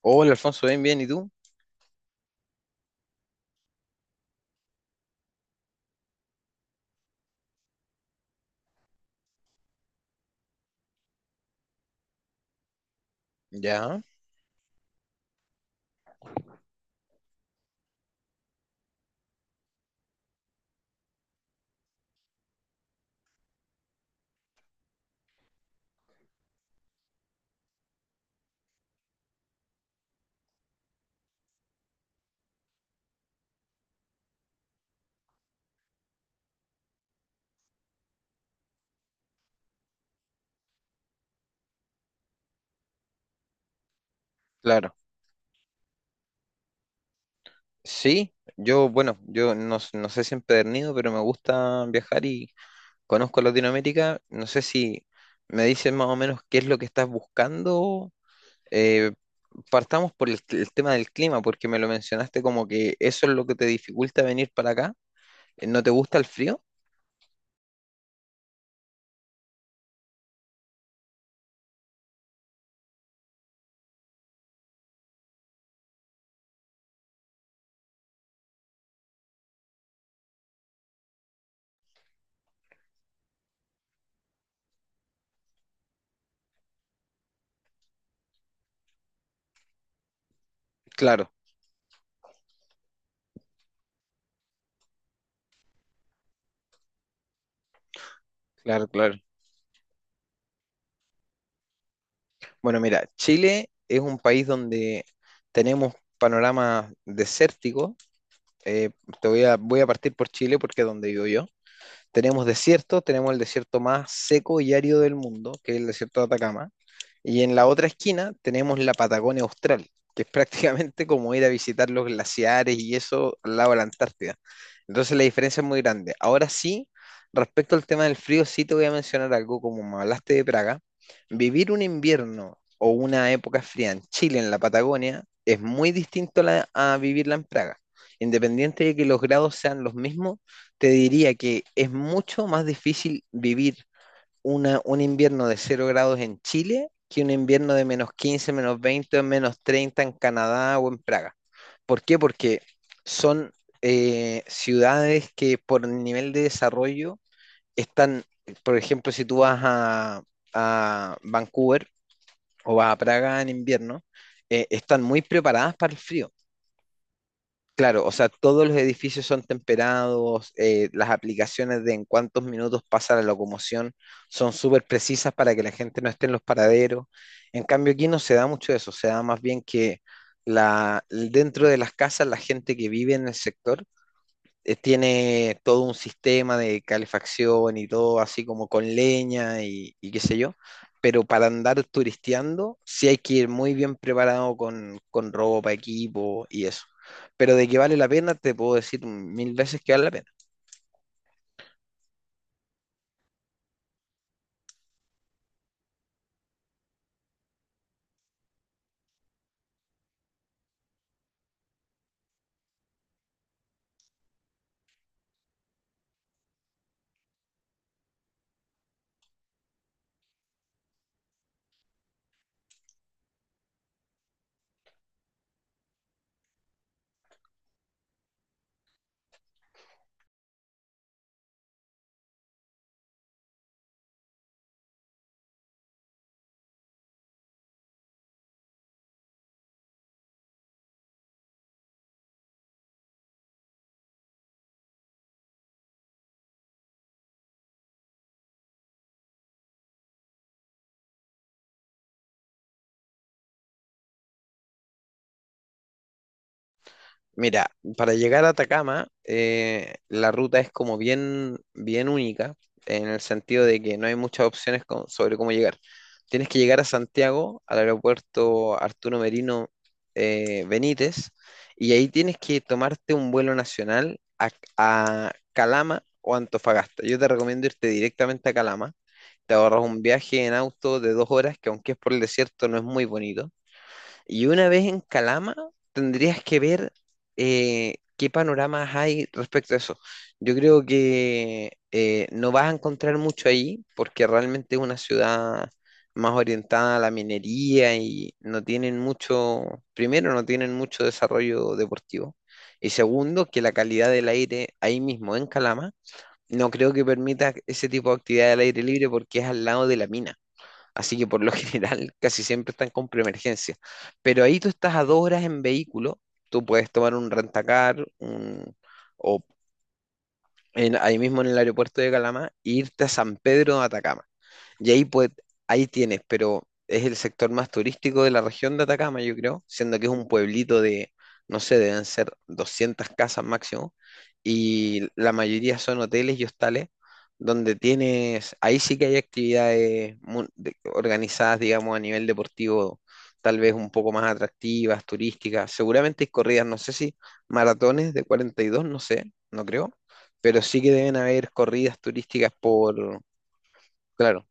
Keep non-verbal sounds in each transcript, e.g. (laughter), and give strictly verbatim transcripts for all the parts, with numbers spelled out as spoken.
Hola Alfonso, bien, bien, ¿y tú? Ya, claro. Sí, yo, bueno, yo no, s- no sé si empedernido, pero me gusta viajar y conozco Latinoamérica. No sé si me dices más o menos qué es lo que estás buscando. Eh, partamos por el, el tema del clima, porque me lo mencionaste como que eso es lo que te dificulta venir para acá. Eh, ¿No te gusta el frío? Claro, claro, claro. Bueno, mira, Chile es un país donde tenemos panoramas desérticos. Eh, te voy a, voy a partir por Chile porque es donde vivo yo. Tenemos desiertos, tenemos el desierto más seco y árido del mundo, que es el desierto de Atacama, y en la otra esquina tenemos la Patagonia Austral, que es (laughs) prácticamente como ir a visitar los glaciares y eso al lado de la Antártida. Entonces la diferencia es muy grande. Ahora sí, respecto al tema del frío, sí te voy a mencionar algo, como me hablaste de Praga, vivir un invierno o una época fría en Chile, en la Patagonia, es muy distinto a, la- a vivirla en Praga. Independiente de que los grados sean los mismos, te diría que es mucho más difícil vivir una, un invierno de cero grados en Chile que un invierno de menos quince, menos veinte, o menos treinta en Canadá o en Praga. ¿Por qué? Porque son eh, ciudades que por nivel de desarrollo están, por ejemplo, si tú vas a, a, Vancouver o vas a Praga en invierno, eh, están muy preparadas para el frío. Claro, o sea, todos los edificios son temperados, eh, las aplicaciones de en cuántos minutos pasa la locomoción son súper precisas para que la gente no esté en los paraderos. En cambio, aquí no se da mucho eso, se da más bien que la, dentro de las casas, la gente que vive en el sector eh, tiene todo un sistema de calefacción y todo así como con leña y, y qué sé yo, pero para andar turisteando sí hay que ir muy bien preparado con, con, ropa, equipo y eso. Pero de que vale la pena, te puedo decir mil veces que vale la pena. Mira, para llegar a Atacama, eh, la ruta es como bien, bien única, en el sentido de que no hay muchas opciones con- sobre cómo llegar. Tienes que llegar a Santiago, al aeropuerto Arturo Merino eh, Benítez, y ahí tienes que tomarte un vuelo nacional a, a Calama o Antofagasta. Yo te recomiendo irte directamente a Calama. Te ahorras un viaje en auto de dos horas, que aunque es por el desierto, no es muy bonito, y una vez en Calama, tendrías que ver eh, qué panoramas hay respecto a eso. Yo creo que eh, no vas a encontrar mucho ahí, porque realmente es una ciudad más orientada a la minería y no tienen mucho, primero, no tienen mucho desarrollo deportivo. Y segundo, que la calidad del aire ahí mismo en Calama, no creo que permita ese tipo de actividad al aire libre porque es al lado de la mina. Así que por lo (laughs) general casi siempre están con preemergencia. Pero ahí tú estás a dos horas en vehículo, tú puedes tomar un rentacar o en- ahí mismo en el aeropuerto de Calama e irte a San Pedro de Atacama. Y ahí, pues, ahí tienes, pero es el sector más turístico de la región de Atacama, yo creo, siendo que es un pueblito de, no sé, deben ser doscientas casas máximo, y la mayoría son hoteles y hostales, donde tienes, ahí sí que hay actividades mu- de- organizadas, digamos, a nivel deportivo, tal vez un poco más atractivas, turísticas, seguramente hay corridas, no sé si maratones de cuarenta y dos, no sé, no creo, pero sí que deben haber corridas turísticas por, claro,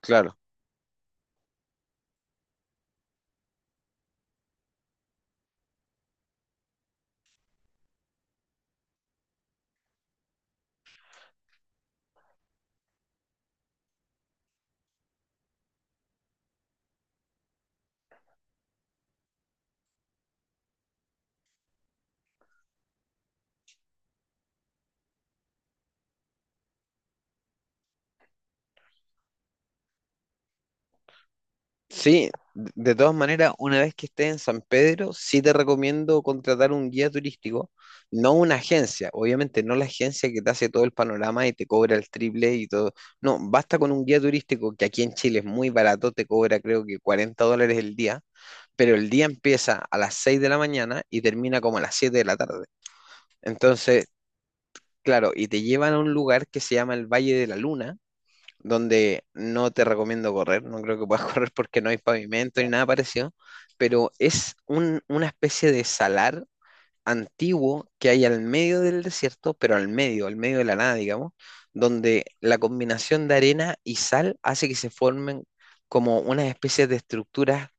claro. Sí, de de todas maneras, una vez que estés en San Pedro, sí te recomiendo contratar un guía turístico, no una agencia, obviamente no la agencia que te hace todo el panorama y te cobra el triple y todo. No, basta con un guía turístico que aquí en Chile es muy barato, te cobra creo que cuarenta dólares el día, pero el día empieza a las seis de la mañana y termina como a las siete de la tarde. Entonces, claro, y te llevan a un lugar que se llama el Valle de la Luna, donde no te recomiendo correr, no creo que puedas (laughs) correr porque no hay pavimento ni nada parecido, pero es un- una especie de salar antiguo que hay al medio del desierto, pero al medio, al medio de la nada, digamos, donde la combinación de arena y sal hace que se formen como unas especies de estructuras,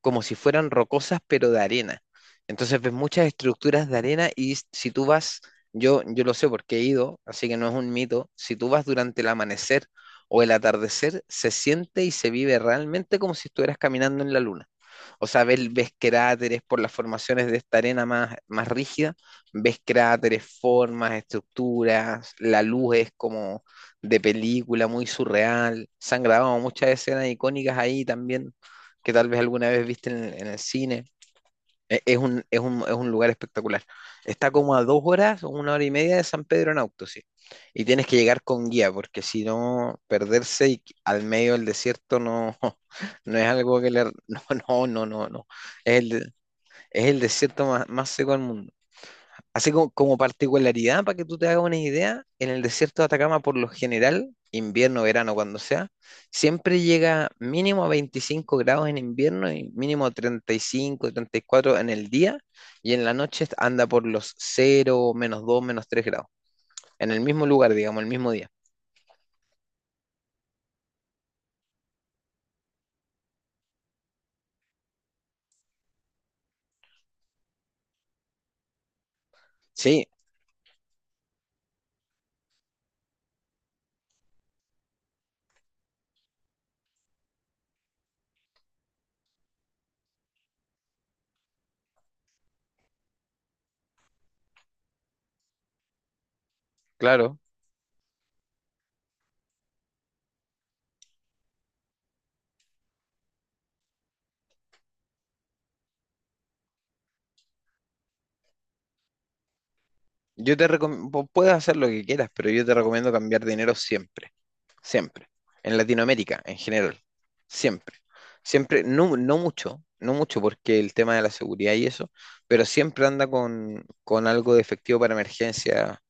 como si fueran rocosas, pero de arena. Entonces ves muchas estructuras de arena y si tú vas, yo, yo lo sé porque he ido, así que no es un mito, si tú vas durante el amanecer o el atardecer, se siente y se vive realmente como si estuvieras caminando en la luna. O sea, ves, ves, cráteres por las formaciones de esta arena más, más rígida, ves cráteres, formas, estructuras, la luz es como de película, muy surreal. Se han grabado muchas escenas icónicas ahí también, que tal vez alguna vez viste en, en el cine. E- Es un, es un, es un lugar espectacular. Está como a dos horas o una hora y media de San Pedro en auto, sí. Y tienes que llegar con guía, porque si no, perderse y, al medio del desierto no, (laughs) no es algo que le... (laughs) No, no, no, no, no. Es el, es el desierto más, más seco del mundo. Así como, como particularidad, para que tú te hagas una idea, en el desierto de Atacama, por lo general, invierno, verano, cuando sea, siempre llega mínimo a veinticinco grados en invierno y mínimo a treinta y cinco, treinta y cuatro en el día, y en la noche anda por los cero, menos dos, menos tres grados, en el mismo lugar, digamos, el mismo día. Sí, claro. Yo te recomiendo, puedes hacer lo que quieras, pero yo te recomiendo cambiar dinero siempre. Siempre. En Latinoamérica, en general, siempre. Siempre, no, no mucho, no mucho, porque el tema de la seguridad y eso, pero siempre anda con, con, algo de efectivo para emergencia,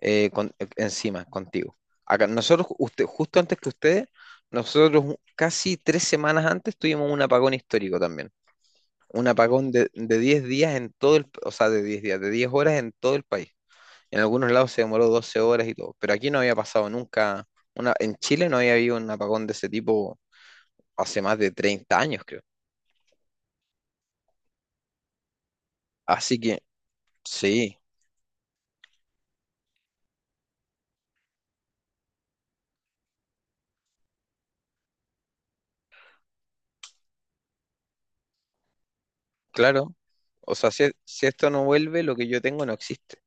eh, con- encima, contigo. Acá, nosotros, usted, justo antes que ustedes, nosotros casi tres semanas antes tuvimos un apagón histórico también. Un apagón de, de diez días en todo el, o sea, de diez días, de diez horas en todo el país. En algunos lados se demoró doce horas y todo, pero aquí no había pasado nunca, una, en Chile no había habido un apagón de ese tipo hace más de treinta años, creo. Así que sí, claro. O sea, si, si esto no vuelve, lo que yo tengo no existe.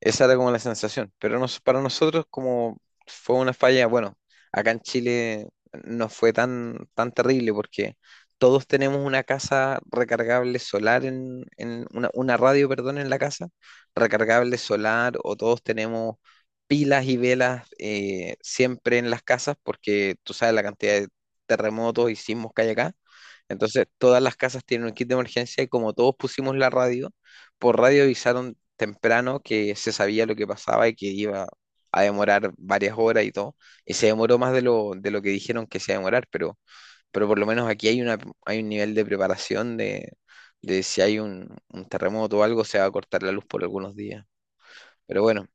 Esa era como la sensación, pero nos- para nosotros como fue una falla, bueno, acá en Chile no fue tan, tan terrible porque todos tenemos una casa recargable solar en, en una, una, radio, perdón, en la casa, recargable solar, o todos tenemos pilas y velas eh, siempre en las casas porque tú sabes la cantidad de terremotos y sismos que hay acá. Entonces todas las casas tienen un kit de emergencia, y como todos pusimos la radio, por radio avisaron temprano que se sabía lo que pasaba y que iba a demorar varias horas y todo. Y se demoró más de lo, de lo, que dijeron que se iba a demorar, pero, pero, por lo menos aquí hay una, hay un nivel de preparación de, de, si hay un, un terremoto o algo, se va a cortar la luz por algunos días. Pero bueno,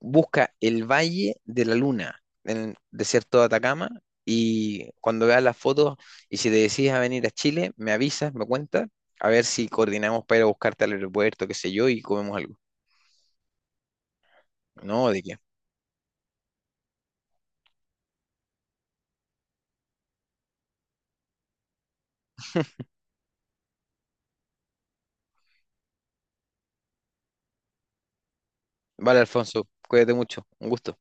busca el Valle de la Luna en el desierto de Atacama. Y cuando veas las fotos y si te decides a venir a Chile, me avisas, me cuentas, a ver si coordinamos para ir a buscarte al aeropuerto, qué sé yo, y comemos algo. No, de qué. Vale, Alfonso, cuídate mucho. Un gusto.